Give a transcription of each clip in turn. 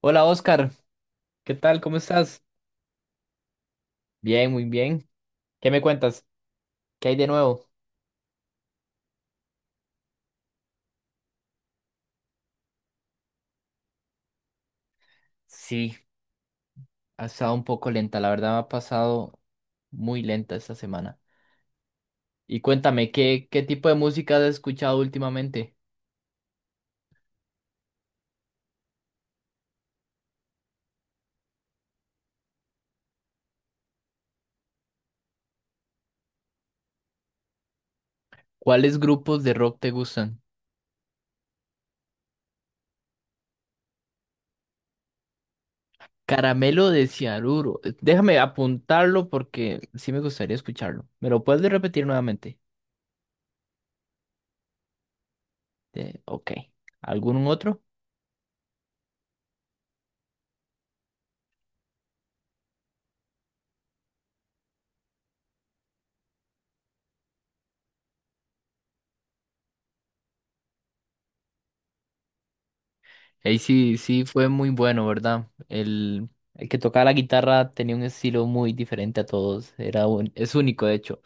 Hola Oscar, ¿qué tal? ¿Cómo estás? Bien, muy bien. ¿Qué me cuentas? ¿Qué hay de nuevo? Sí, ha estado un poco lenta, la verdad me ha pasado muy lenta esta semana. Y cuéntame, ¿qué tipo de música has escuchado últimamente? ¿Cuáles grupos de rock te gustan? Caramelo de Cianuro. Déjame apuntarlo porque sí me gustaría escucharlo. ¿Me lo puedes repetir nuevamente? Ok. ¿Algún otro? Ahí sí, sí fue muy bueno, ¿verdad? El que tocaba la guitarra tenía un estilo muy diferente a todos. Es único, de hecho.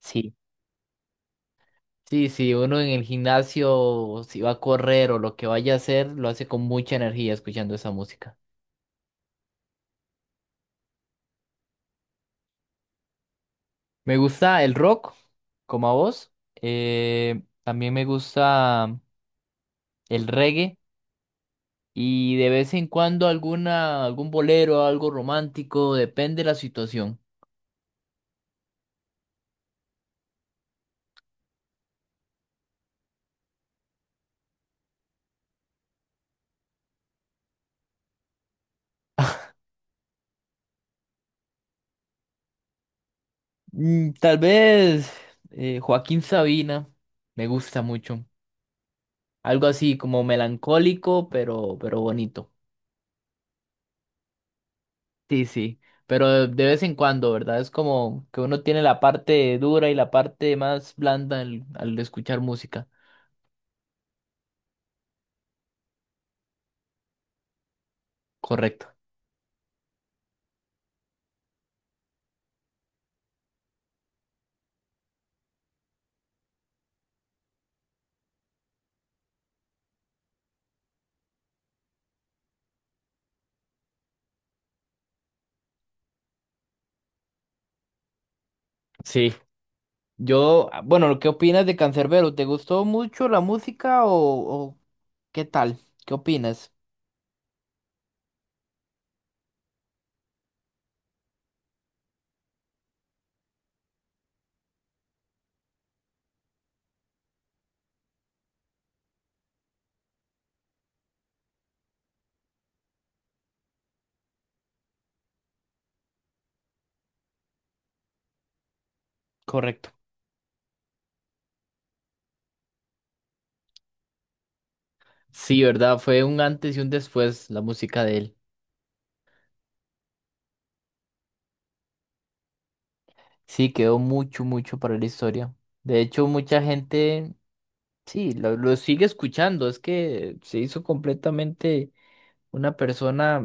Sí, sí, sí, uno en el gimnasio, si va a correr o lo que vaya a hacer, lo hace con mucha energía escuchando esa música. Me gusta el rock, como a vos. También me gusta el reggae y de vez en cuando algún bolero, algo romántico, depende de la situación. Tal vez Joaquín Sabina me gusta mucho. Algo así como melancólico, pero bonito. Sí, sí. Pero de vez en cuando, ¿verdad? Es como que uno tiene la parte dura y la parte más blanda al escuchar música. Correcto. Sí. Yo, ah, bueno, ¿qué opinas de Canserbero? ¿Te gustó mucho la música o qué tal? ¿Qué opinas? Correcto. Sí, ¿verdad? Fue un antes y un después la música de él. Sí, quedó mucho, mucho para la historia. De hecho, mucha gente, sí, lo sigue escuchando. Es que se hizo completamente una persona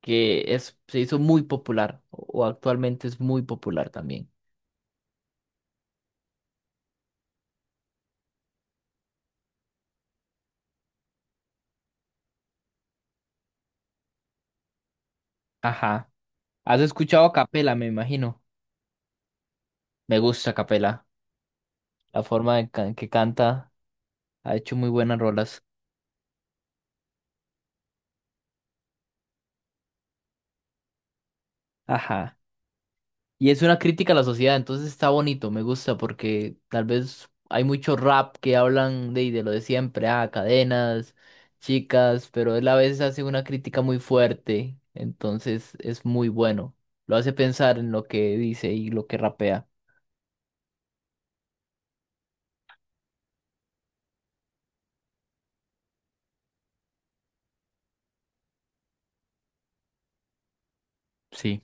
que es, se hizo muy popular o actualmente es muy popular también. Ajá. ¿Has escuchado a Capela, me imagino? Me gusta Capela. La forma en que canta ha hecho muy buenas rolas. Ajá. Y es una crítica a la sociedad, entonces está bonito, me gusta, porque tal vez hay mucho rap que hablan de lo de siempre, ah, cadenas, chicas, pero él a veces hace una crítica muy fuerte, entonces es muy bueno. Lo hace pensar en lo que dice y lo que rapea. Sí,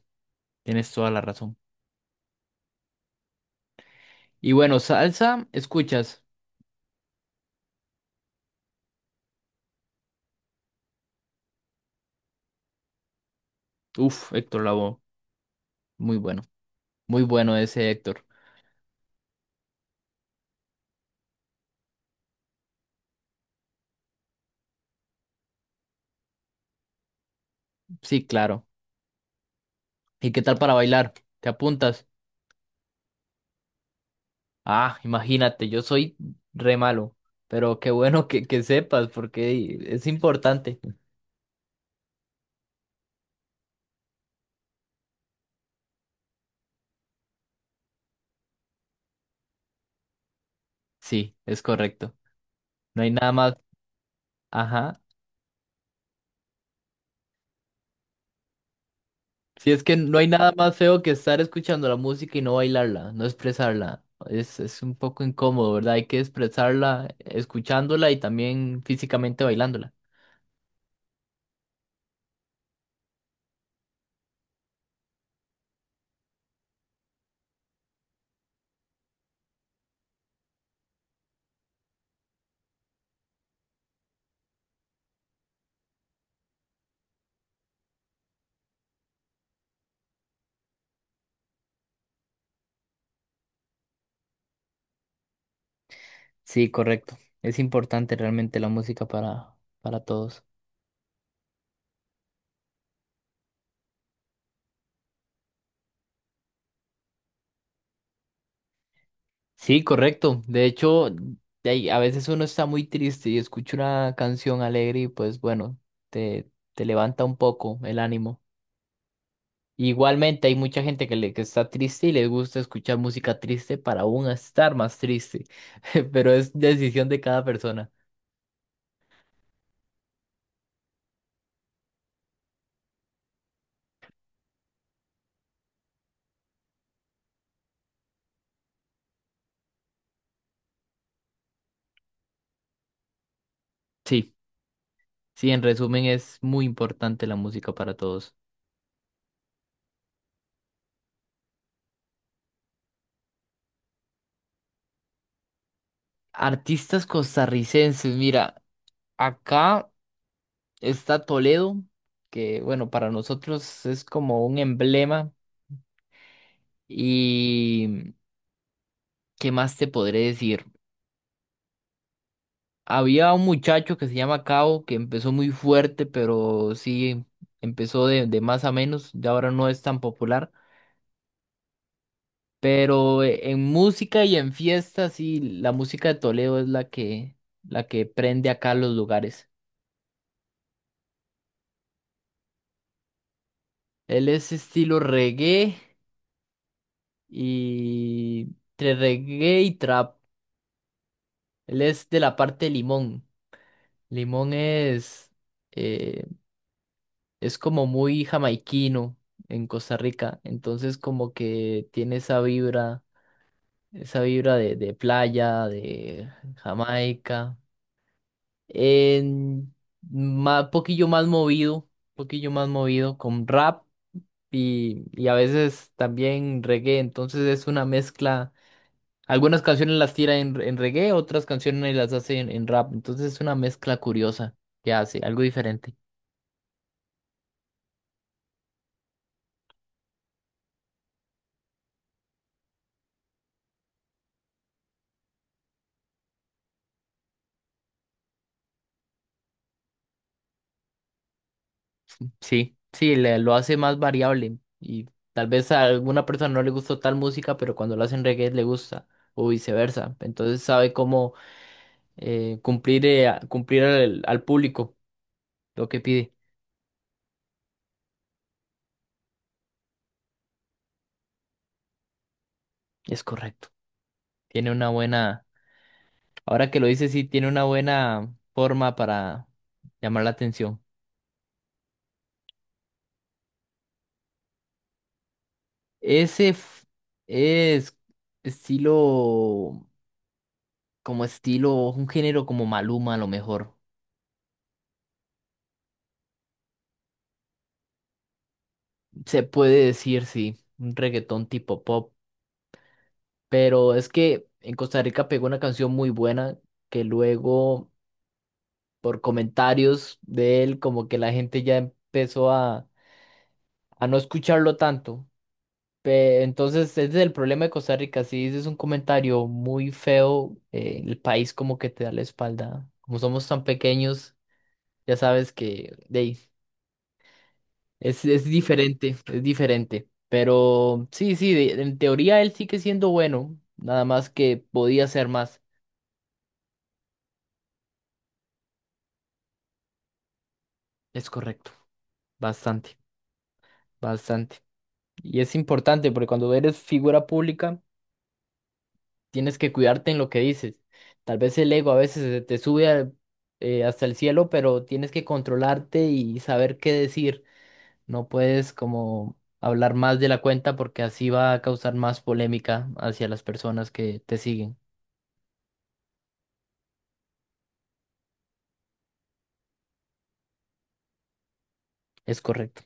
tienes toda la razón. Y bueno, salsa, escuchas. Uf, Héctor Lavoe, muy bueno, muy bueno ese Héctor. Sí, claro. ¿Y qué tal para bailar? ¿Te apuntas? Ah, imagínate, yo soy re malo, pero qué bueno que sepas porque es importante. Sí, es correcto. No hay nada más, ajá. Si es que no hay nada más feo que estar escuchando la música y no bailarla, no expresarla. Es un poco incómodo, ¿verdad? Hay que expresarla escuchándola y también físicamente bailándola. Sí, correcto. Es importante realmente la música para todos. Sí, correcto. De hecho, de ahí, a veces uno está muy triste y escucha una canción alegre y pues bueno, te levanta un poco el ánimo. Igualmente hay mucha gente que está triste y les gusta escuchar música triste para aún estar más triste, pero es decisión de cada persona. Sí, sí, en resumen es muy importante la música para todos. Artistas costarricenses, mira, acá está Toledo, que bueno, para nosotros es como un emblema. Y qué más te podré decir. Había un muchacho que se llama Cabo que empezó muy fuerte, pero sí empezó de más a menos. Ya ahora no es tan popular. Pero en música y en fiestas, sí, la música de Toledo es la que prende acá los lugares. Él es estilo reggae y entre reggae y trap. Él es de la parte de Limón. Limón es. eh, es como muy jamaiquino en Costa Rica, entonces como que tiene esa vibra de playa, de Jamaica, en ma- poquillo más movido, poquillo más movido con rap y a veces también reggae, entonces es una mezcla, algunas canciones las tira en reggae, otras canciones las hace en rap, entonces es una mezcla curiosa que hace, algo diferente. Sí, sí, lo hace más variable y tal vez a alguna persona no le gustó tal música, pero cuando lo hacen reggae le gusta o viceversa. Entonces sabe cómo cumplir, cumplir al público lo que pide. Es correcto. Tiene una buena, ahora que lo dice, sí, tiene una buena forma para llamar la atención. Ese f- es estilo, como estilo, un género como Maluma a lo mejor. Se puede decir, sí, un reggaetón tipo pop. Pero es que en Costa Rica pegó una canción muy buena que luego, por comentarios de él, como que la gente ya empezó a no escucharlo tanto. Entonces, ese es el problema de Costa Rica. Si dices un comentario muy feo, el país como que te da la espalda. Como somos tan pequeños, ya sabes que de ahí, es diferente, es diferente. Pero sí, sí, de- en teoría él sigue siendo bueno, nada más que podía ser más. Es correcto. Bastante, bastante. Y es importante porque cuando eres figura pública, tienes que cuidarte en lo que dices. Tal vez el ego a veces se te sube hasta el cielo, pero tienes que controlarte y saber qué decir. No puedes como hablar más de la cuenta porque así va a causar más polémica hacia las personas que te siguen. Es correcto.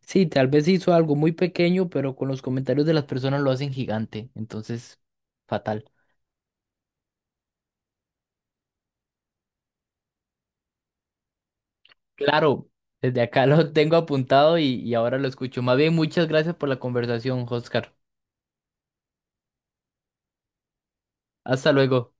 Sí, tal vez hizo algo muy pequeño, pero con los comentarios de las personas lo hacen gigante. Entonces, fatal. Claro, desde acá lo tengo apuntado y ahora lo escucho. Más bien, muchas gracias por la conversación, Oscar. Hasta luego.